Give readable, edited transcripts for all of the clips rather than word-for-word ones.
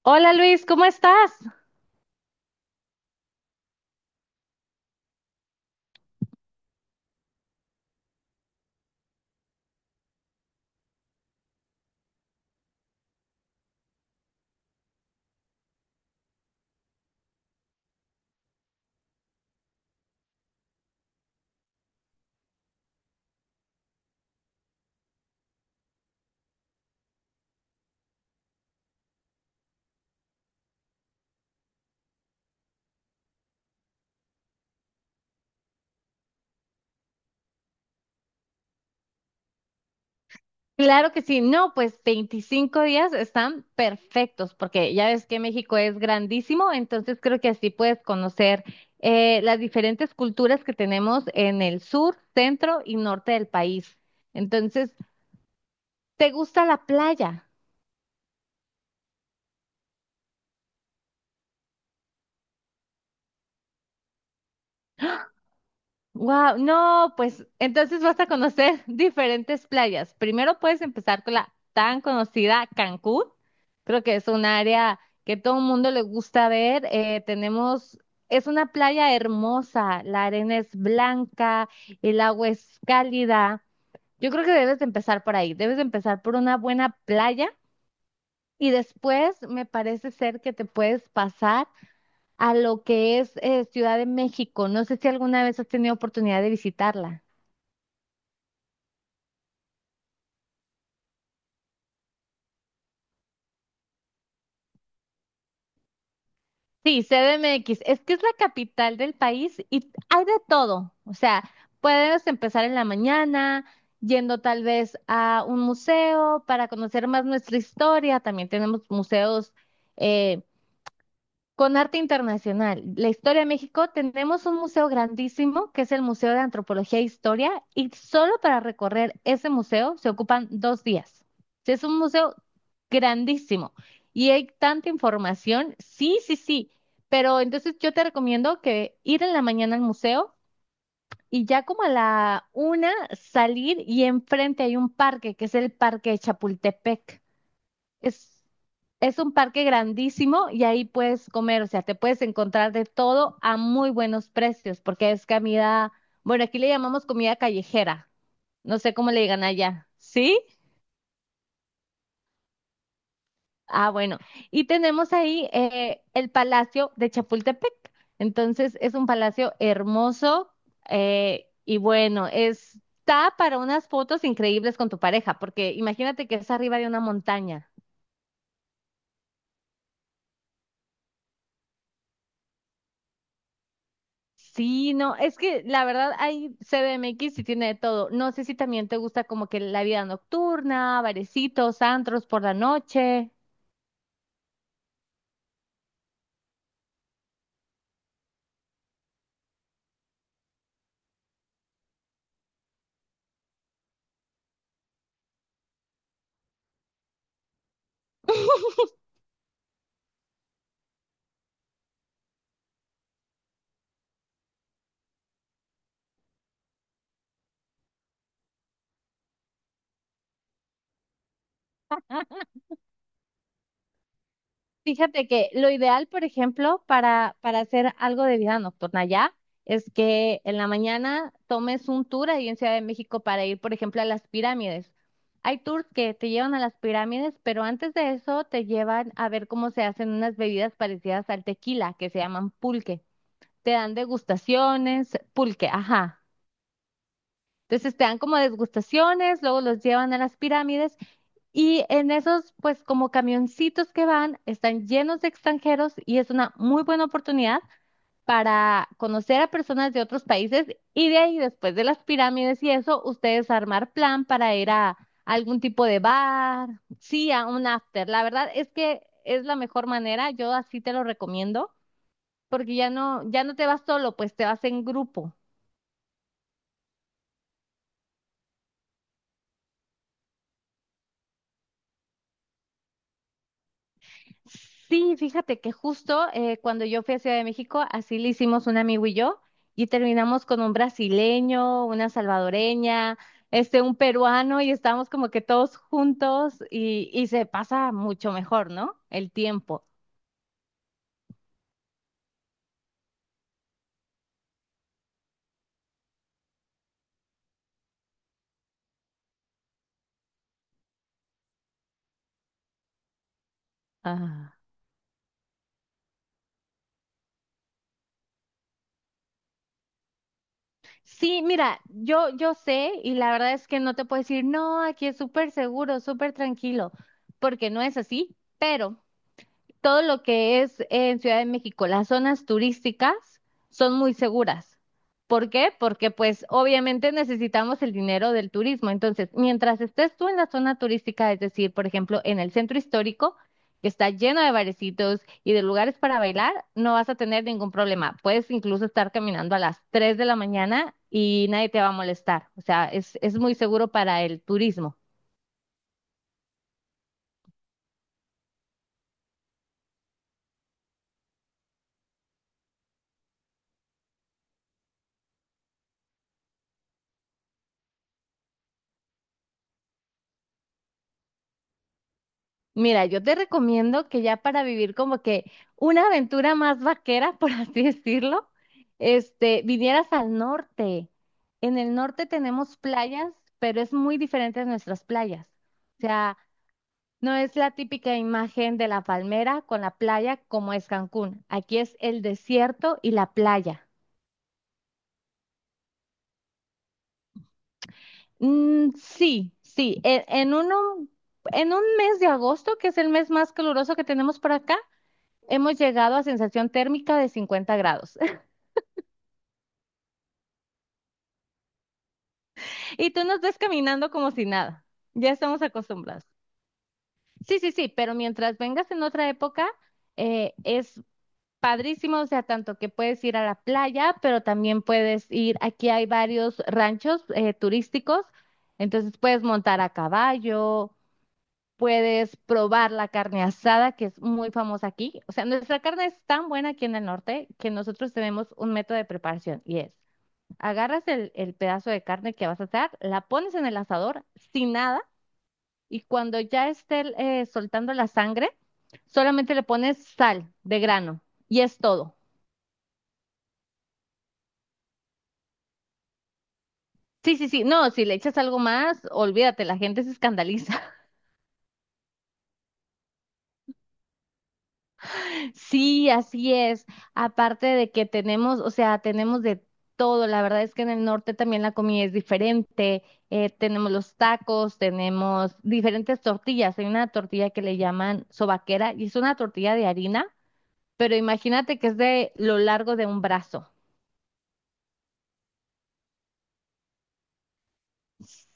Hola Luis, ¿cómo estás? Claro que sí, no, pues 25 días están perfectos porque ya ves que México es grandísimo, entonces creo que así puedes conocer las diferentes culturas que tenemos en el sur, centro y norte del país. Entonces, ¿te gusta la playa? Wow, no, pues entonces vas a conocer diferentes playas. Primero puedes empezar con la tan conocida Cancún. Creo que es un área que todo el mundo le gusta ver. Tenemos, es una playa hermosa, la arena es blanca, el agua es cálida. Yo creo que debes de empezar por ahí. Debes de empezar por una buena playa y después me parece ser que te puedes pasar a lo que es Ciudad de México. No sé si alguna vez has tenido oportunidad de visitarla. Sí, CDMX, es que es la capital del país y hay de todo. O sea, puedes empezar en la mañana yendo tal vez a un museo para conocer más nuestra historia. También tenemos museos eh, con arte internacional, la historia de México, tenemos un museo grandísimo que es el Museo de Antropología e Historia y solo para recorrer ese museo se ocupan dos días. Sí, es un museo grandísimo y hay tanta información. Sí, sí, sí, pero entonces yo te recomiendo que ir en la mañana al museo y ya como a la una salir y enfrente hay un parque que es el Parque de Chapultepec. Es, es un parque grandísimo y ahí puedes comer, o sea, te puedes encontrar de todo a muy buenos precios, porque es comida, bueno, aquí le llamamos comida callejera, no sé cómo le digan allá, ¿sí? Ah, bueno, y tenemos ahí el Palacio de Chapultepec, entonces es un palacio hermoso y bueno, está para unas fotos increíbles con tu pareja, porque imagínate que es arriba de una montaña. Sí, no, es que la verdad hay CDMX y tiene de todo. No sé si también te gusta como que la vida nocturna, barecitos, antros por la noche. Fíjate que lo ideal, por ejemplo, para hacer algo de vida nocturna ya, es que en la mañana tomes un tour ahí en Ciudad de México para ir, por ejemplo, a las pirámides. Hay tours que te llevan a las pirámides, pero antes de eso te llevan a ver cómo se hacen unas bebidas parecidas al tequila, que se llaman pulques. Te dan degustaciones, pulque, ajá. Entonces te dan como degustaciones, luego los llevan a las pirámides y en esos, pues como camioncitos que van, están llenos de extranjeros y es una muy buena oportunidad para conocer a personas de otros países y de ahí, después de las pirámides y eso, ustedes armar plan para ir a algún tipo de bar, sí, a un after. La verdad es que es la mejor manera, yo así te lo recomiendo, porque ya no, ya no te vas solo, pues te vas en grupo. Sí, fíjate que justo cuando yo fui a Ciudad de México, así le hicimos un amigo y yo, y terminamos con un brasileño, una salvadoreña, este, un peruano, y estábamos como que todos juntos y se pasa mucho mejor, ¿no? El tiempo. Ah. Sí, mira, yo sé y la verdad es que no te puedo decir, no, aquí es súper seguro, súper tranquilo, porque no es así, pero todo lo que es en Ciudad de México, las zonas turísticas son muy seguras. ¿Por qué? Porque pues obviamente necesitamos el dinero del turismo. Entonces, mientras estés tú en la zona turística, es decir, por ejemplo, en el centro histórico, que está lleno de barecitos y de lugares para bailar, no vas a tener ningún problema. Puedes incluso estar caminando a las 3 de la mañana y nadie te va a molestar. O sea, es muy seguro para el turismo. Mira, yo te recomiendo que ya para vivir como que una aventura más vaquera, por así decirlo, este, vinieras al norte. En el norte tenemos playas, pero es muy diferente a nuestras playas. O sea, no es la típica imagen de la palmera con la playa como es Cancún. Aquí es el desierto y la playa. Mm, sí, sí, en un mes de agosto, que es el mes más caluroso que tenemos por acá. Hemos llegado a sensación térmica de 50 grados y tú nos ves caminando como si nada. Ya estamos acostumbrados. Sí, sí, sí, pero mientras vengas en otra época, es padrísimo, o sea, tanto que puedes ir a la playa, pero también puedes ir, aquí hay varios ranchos turísticos, entonces puedes montar a caballo, puedes probar la carne asada, que es muy famosa aquí. O sea, nuestra carne es tan buena aquí en el norte que nosotros tenemos un método de preparación y es: agarras el pedazo de carne que vas a hacer, la pones en el asador sin nada y cuando ya esté soltando la sangre, solamente le pones sal de grano y es todo. Sí, sí, sí, no, si le echas algo más, olvídate, la gente se escandaliza. Sí, así es. Aparte de que tenemos, o sea, tenemos de todo. La verdad es que en el norte también la comida es diferente. Tenemos los tacos, tenemos diferentes tortillas. Hay una tortilla que le llaman sobaquera y es una tortilla de harina, pero imagínate que es de lo largo de un brazo.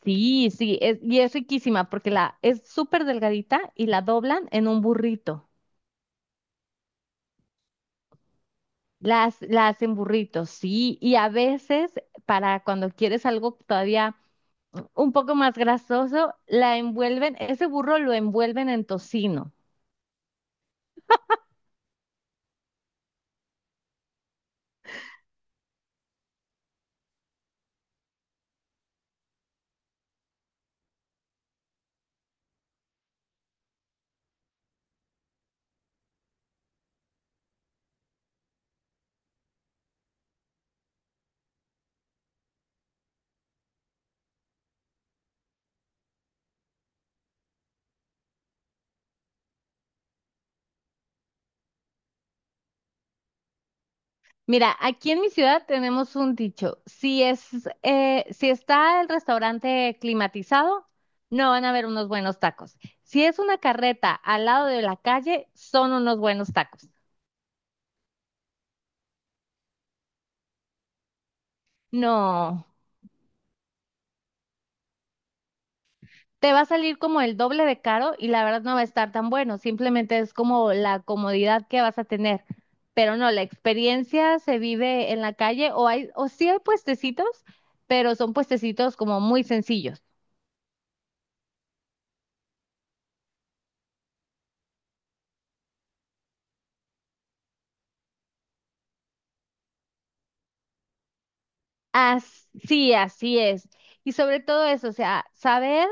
Sí, sí, y es riquísima porque la es súper delgadita y la doblan en un burrito. La hacen burritos, sí, y a veces para cuando quieres algo todavía un poco más grasoso, la envuelven, ese burro lo envuelven en tocino. Mira, aquí en mi ciudad tenemos un dicho. Si está el restaurante climatizado, no van a haber unos buenos tacos. Si es una carreta al lado de la calle, son unos buenos tacos. No, te va a salir como el doble de caro y la verdad no va a estar tan bueno. Simplemente es como la comodidad que vas a tener. Pero no, la experiencia se vive en la calle o hay, o sí hay puestecitos, pero son puestecitos como muy sencillos. As- sí, así es. Y sobre todo eso, o sea, saber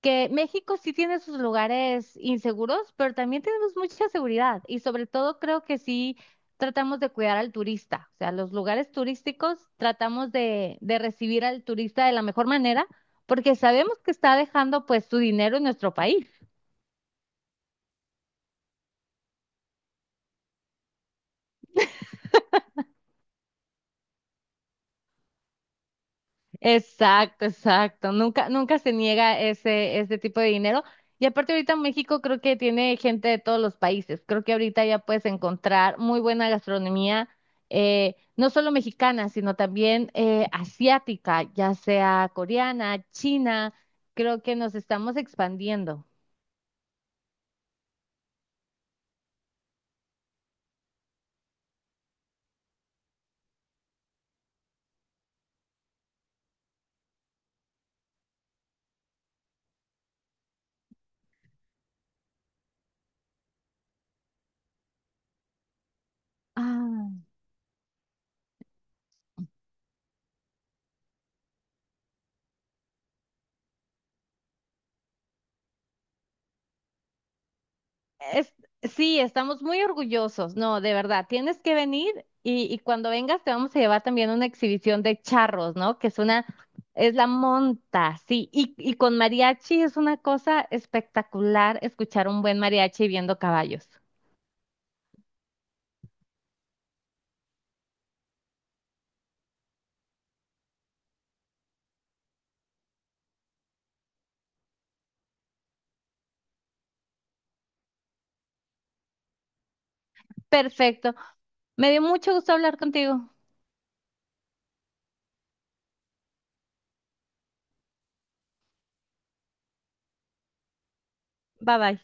que México sí tiene sus lugares inseguros, pero también tenemos mucha seguridad. Y sobre todo creo que sí tratamos de cuidar al turista. O sea, los lugares turísticos tratamos de recibir al turista de la mejor manera, porque sabemos que está dejando pues su dinero en nuestro país. Exacto, exacto. Nunca, nunca se niega ese, ese tipo de dinero. Y aparte ahorita México creo que tiene gente de todos los países. Creo que ahorita ya puedes encontrar muy buena gastronomía, no solo mexicana, sino también asiática, ya sea coreana, china. Creo que nos estamos expandiendo. Es- sí, estamos muy orgullosos. No, de verdad, tienes que venir y cuando vengas te vamos a llevar también una exhibición de charros, ¿no? Que es una, es la monta, sí. Y con mariachi es una cosa espectacular escuchar un buen mariachi viendo caballos. Perfecto. Me dio mucho gusto hablar contigo. Bye bye.